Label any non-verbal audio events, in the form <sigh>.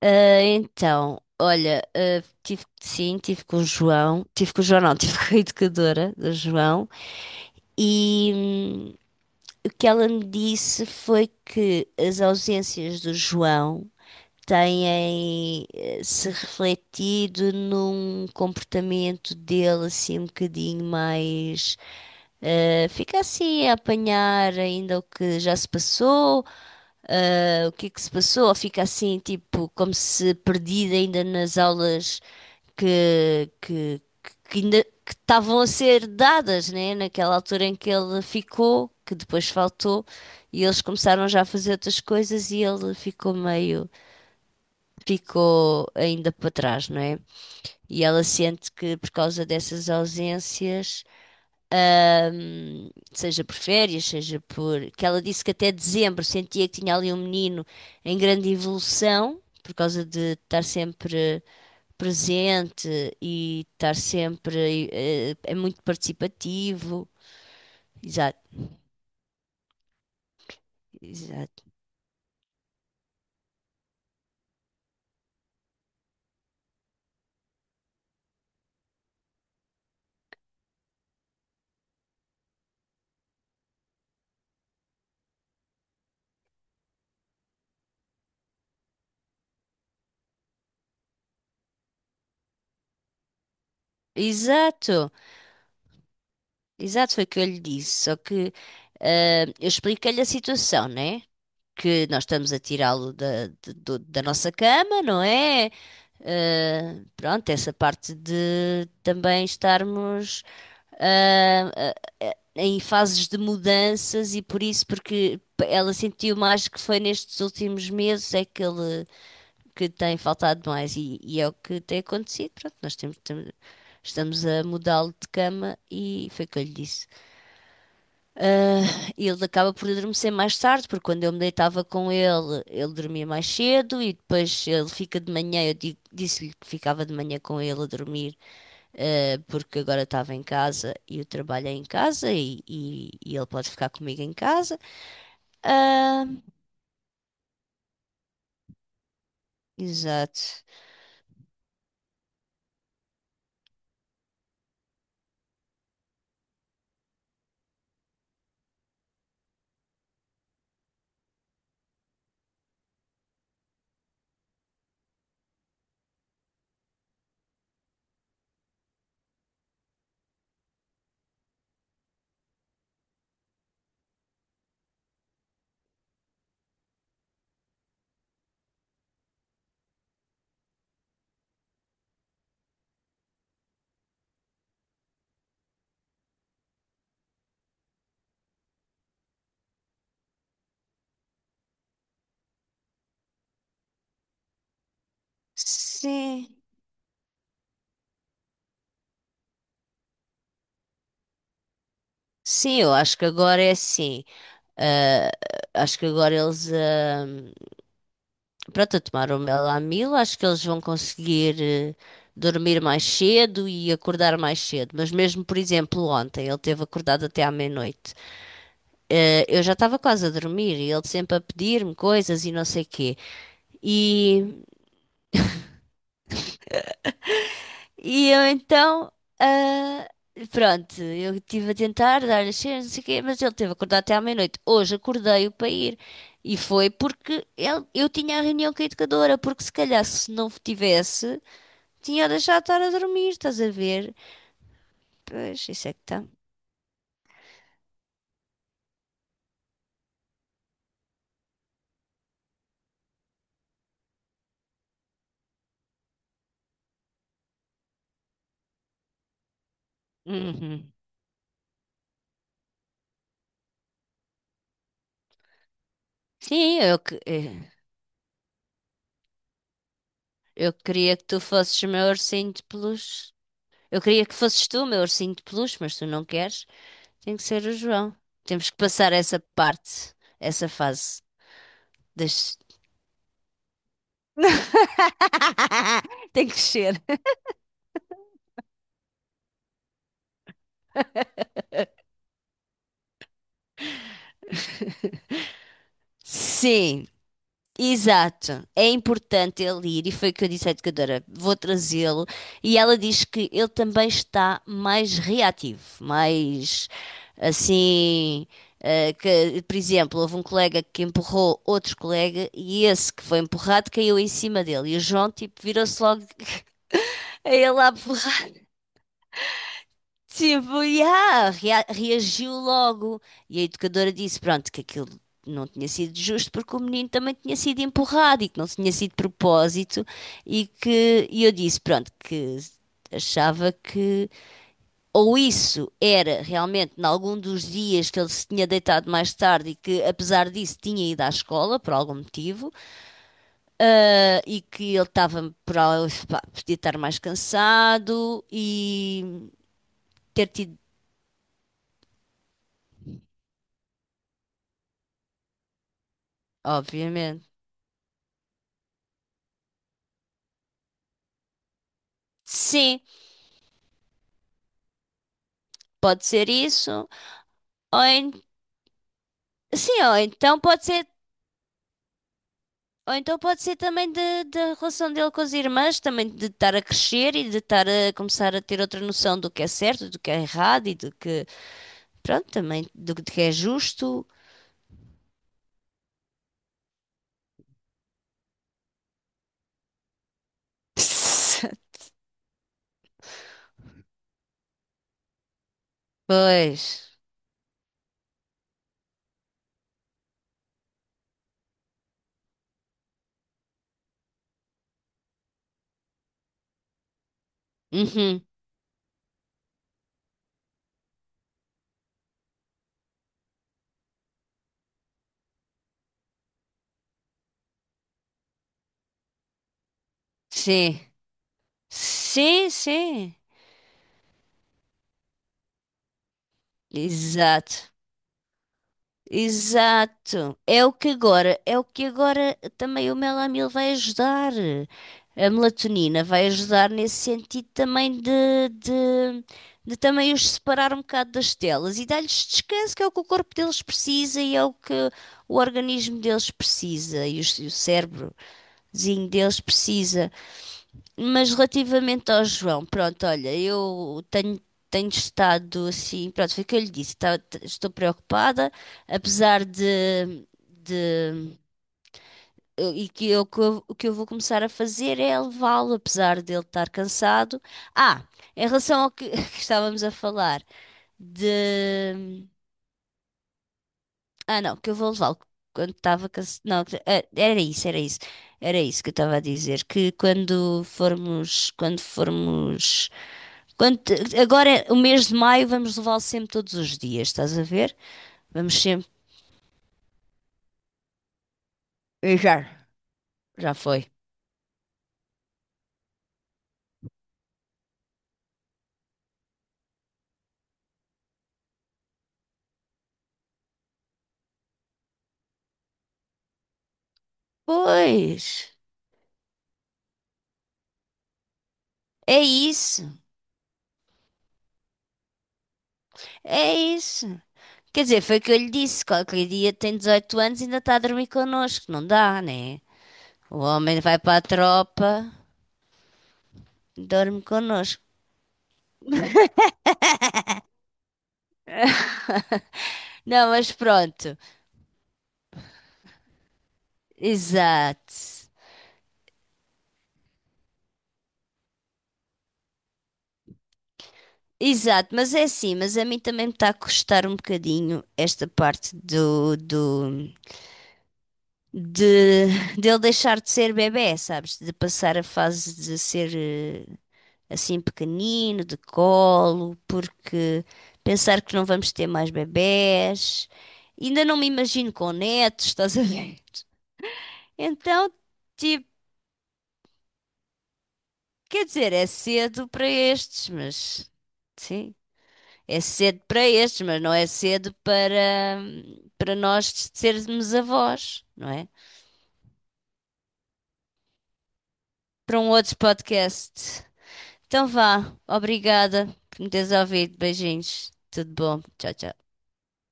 Então, olha, tive, sim, tive com o João, não, <laughs> tive com a educadora do João, e o que ela me disse foi que as ausências do João têm se refletido num comportamento dele assim um bocadinho mais. Fica assim a apanhar ainda o que já se passou, o que é que se passou? Ou fica assim, tipo, como se perdida ainda nas aulas que, que, que ainda que estavam a ser dadas, né? Naquela altura em que ele ficou, que depois faltou, e eles começaram já a fazer outras coisas e ele ficou meio, ficou ainda para trás, não é? E ela sente que por causa dessas ausências seja por férias, seja por. Que ela disse que até dezembro sentia que tinha ali um menino em grande evolução, por causa de estar sempre presente e estar sempre. É muito participativo. Exato, exato. Exato, exato, foi o que eu lhe disse. Só que eu expliquei-lhe a situação, né? Que nós estamos a tirá-lo da nossa cama, não é? Eh, pronto, essa parte de também estarmos ah, ah, em fases de mudanças e por isso, porque ela sentiu mais que foi nestes últimos meses é que ele que tem faltado mais e é o que tem acontecido. Pronto, estamos a mudá-lo de cama e foi o que eu lhe disse. Ah, e ele acaba por adormecer mais tarde, porque quando eu me deitava com ele, ele dormia mais cedo e depois ele fica de manhã. Disse-lhe que ficava de manhã com ele a dormir, porque agora estava em casa e o trabalho é em casa e ele pode ficar comigo em casa. Ah, exato. Sim, sim, eu acho que agora é assim. Ah, Acho que agora eles. Pronto, a tomar o Melamil, acho que eles vão conseguir dormir mais cedo e acordar mais cedo. Mas mesmo, por exemplo, ontem, ele teve acordado até à meia-noite. Eu já estava quase a dormir e ele sempre a pedir-me coisas e não sei quê. E, e eu então, ah, pronto, eu estive a tentar dar-lhe as cenas, não sei o quê, mas ele teve acordado até à meia-noite. Hoje acordei-o para ir. E foi porque eu tinha a reunião com a educadora, porque se calhar se não tivesse, tinha deixado de estar a dormir, estás a ver? Pois, isso é que está. Uhum. Sim, eu queria que tu fosses o meu ursinho de peluche. Eu queria que fosses tu o meu ursinho de peluche, mas tu não queres. Tem que ser o João. Temos que passar essa parte, essa fase. das- <laughs> Tem que ser. <laughs> Sim. Exato, é importante ele ir, e foi o que eu disse à educadora: vou trazê-lo. E ela diz que ele também está mais reativo, mais assim. Que, por exemplo, houve um colega que empurrou outro colega e esse que foi empurrado caiu em cima dele. E o João, tipo, virou-se logo <laughs> a ele a empurrar. Tipo, yeah, reagiu logo. E a educadora disse, pronto, que aquilo não tinha sido justo porque o menino também tinha sido empurrado e que não tinha sido de propósito e que e eu disse, pronto, que achava que ou isso era realmente em algum dos dias que ele se tinha deitado mais tarde e que apesar disso tinha ido à escola por algum motivo, e que ele estava por pá, podia estar mais cansado e ter tido, obviamente. Sim, pode ser isso. Ou en- Sim, ou então pode ser também da relação dele com as irmãs, também de estar a crescer e de estar a começar a ter outra noção do que é certo, do que é errado e do que, pronto, também do que é justo. <laughs> Pois. Uhum. Sim. Sim, sim. Exato. Exato. É o que agora, é o que agora também o melamil vai ajudar. A melatonina vai ajudar nesse sentido também de também os separar um bocado das telas e dar-lhes descanso, que é o que o corpo deles precisa e é o que o organismo deles precisa e o cérebrozinho deles precisa. Mas relativamente ao João, pronto, olha, tenho estado assim, pronto, foi o que eu lhe disse, estou preocupada, apesar de o que eu vou começar a fazer é levá-lo, apesar dele estar cansado. Ah, Em relação ao que, <laughs> que estávamos a falar, de. Ah, não, que eu vou levá-lo quando estava cansado. Não, era isso, era isso que eu estava a dizer, quando formos. Quando, agora, é o mês de maio, vamos levá-lo sempre todos os dias, estás a ver? Vamos sempre. E já, já foi. Pois, é isso, é isso. Quer dizer, foi o que eu lhe disse: qualquer dia tem 18 anos e ainda está a dormir connosco, não dá, né? O homem vai para a tropa, dorme connosco. <laughs> Não, mas pronto, exato. Exato, mas é assim, mas a mim também me está a custar um bocadinho esta parte de, de ele deixar de ser bebé, sabes? De passar a fase de ser assim pequenino, de colo, porque pensar que não vamos ter mais bebés. Ainda não me imagino com netos, estás a ver? <laughs> Então, tipo, quer dizer, é cedo para estes, mas sim, é cedo para estes, mas não é cedo para para nós sermos avós, não é? Para um outro podcast. Então vá, obrigada por me teres ouvido. Beijinhos, tudo bom, tchau, tchau.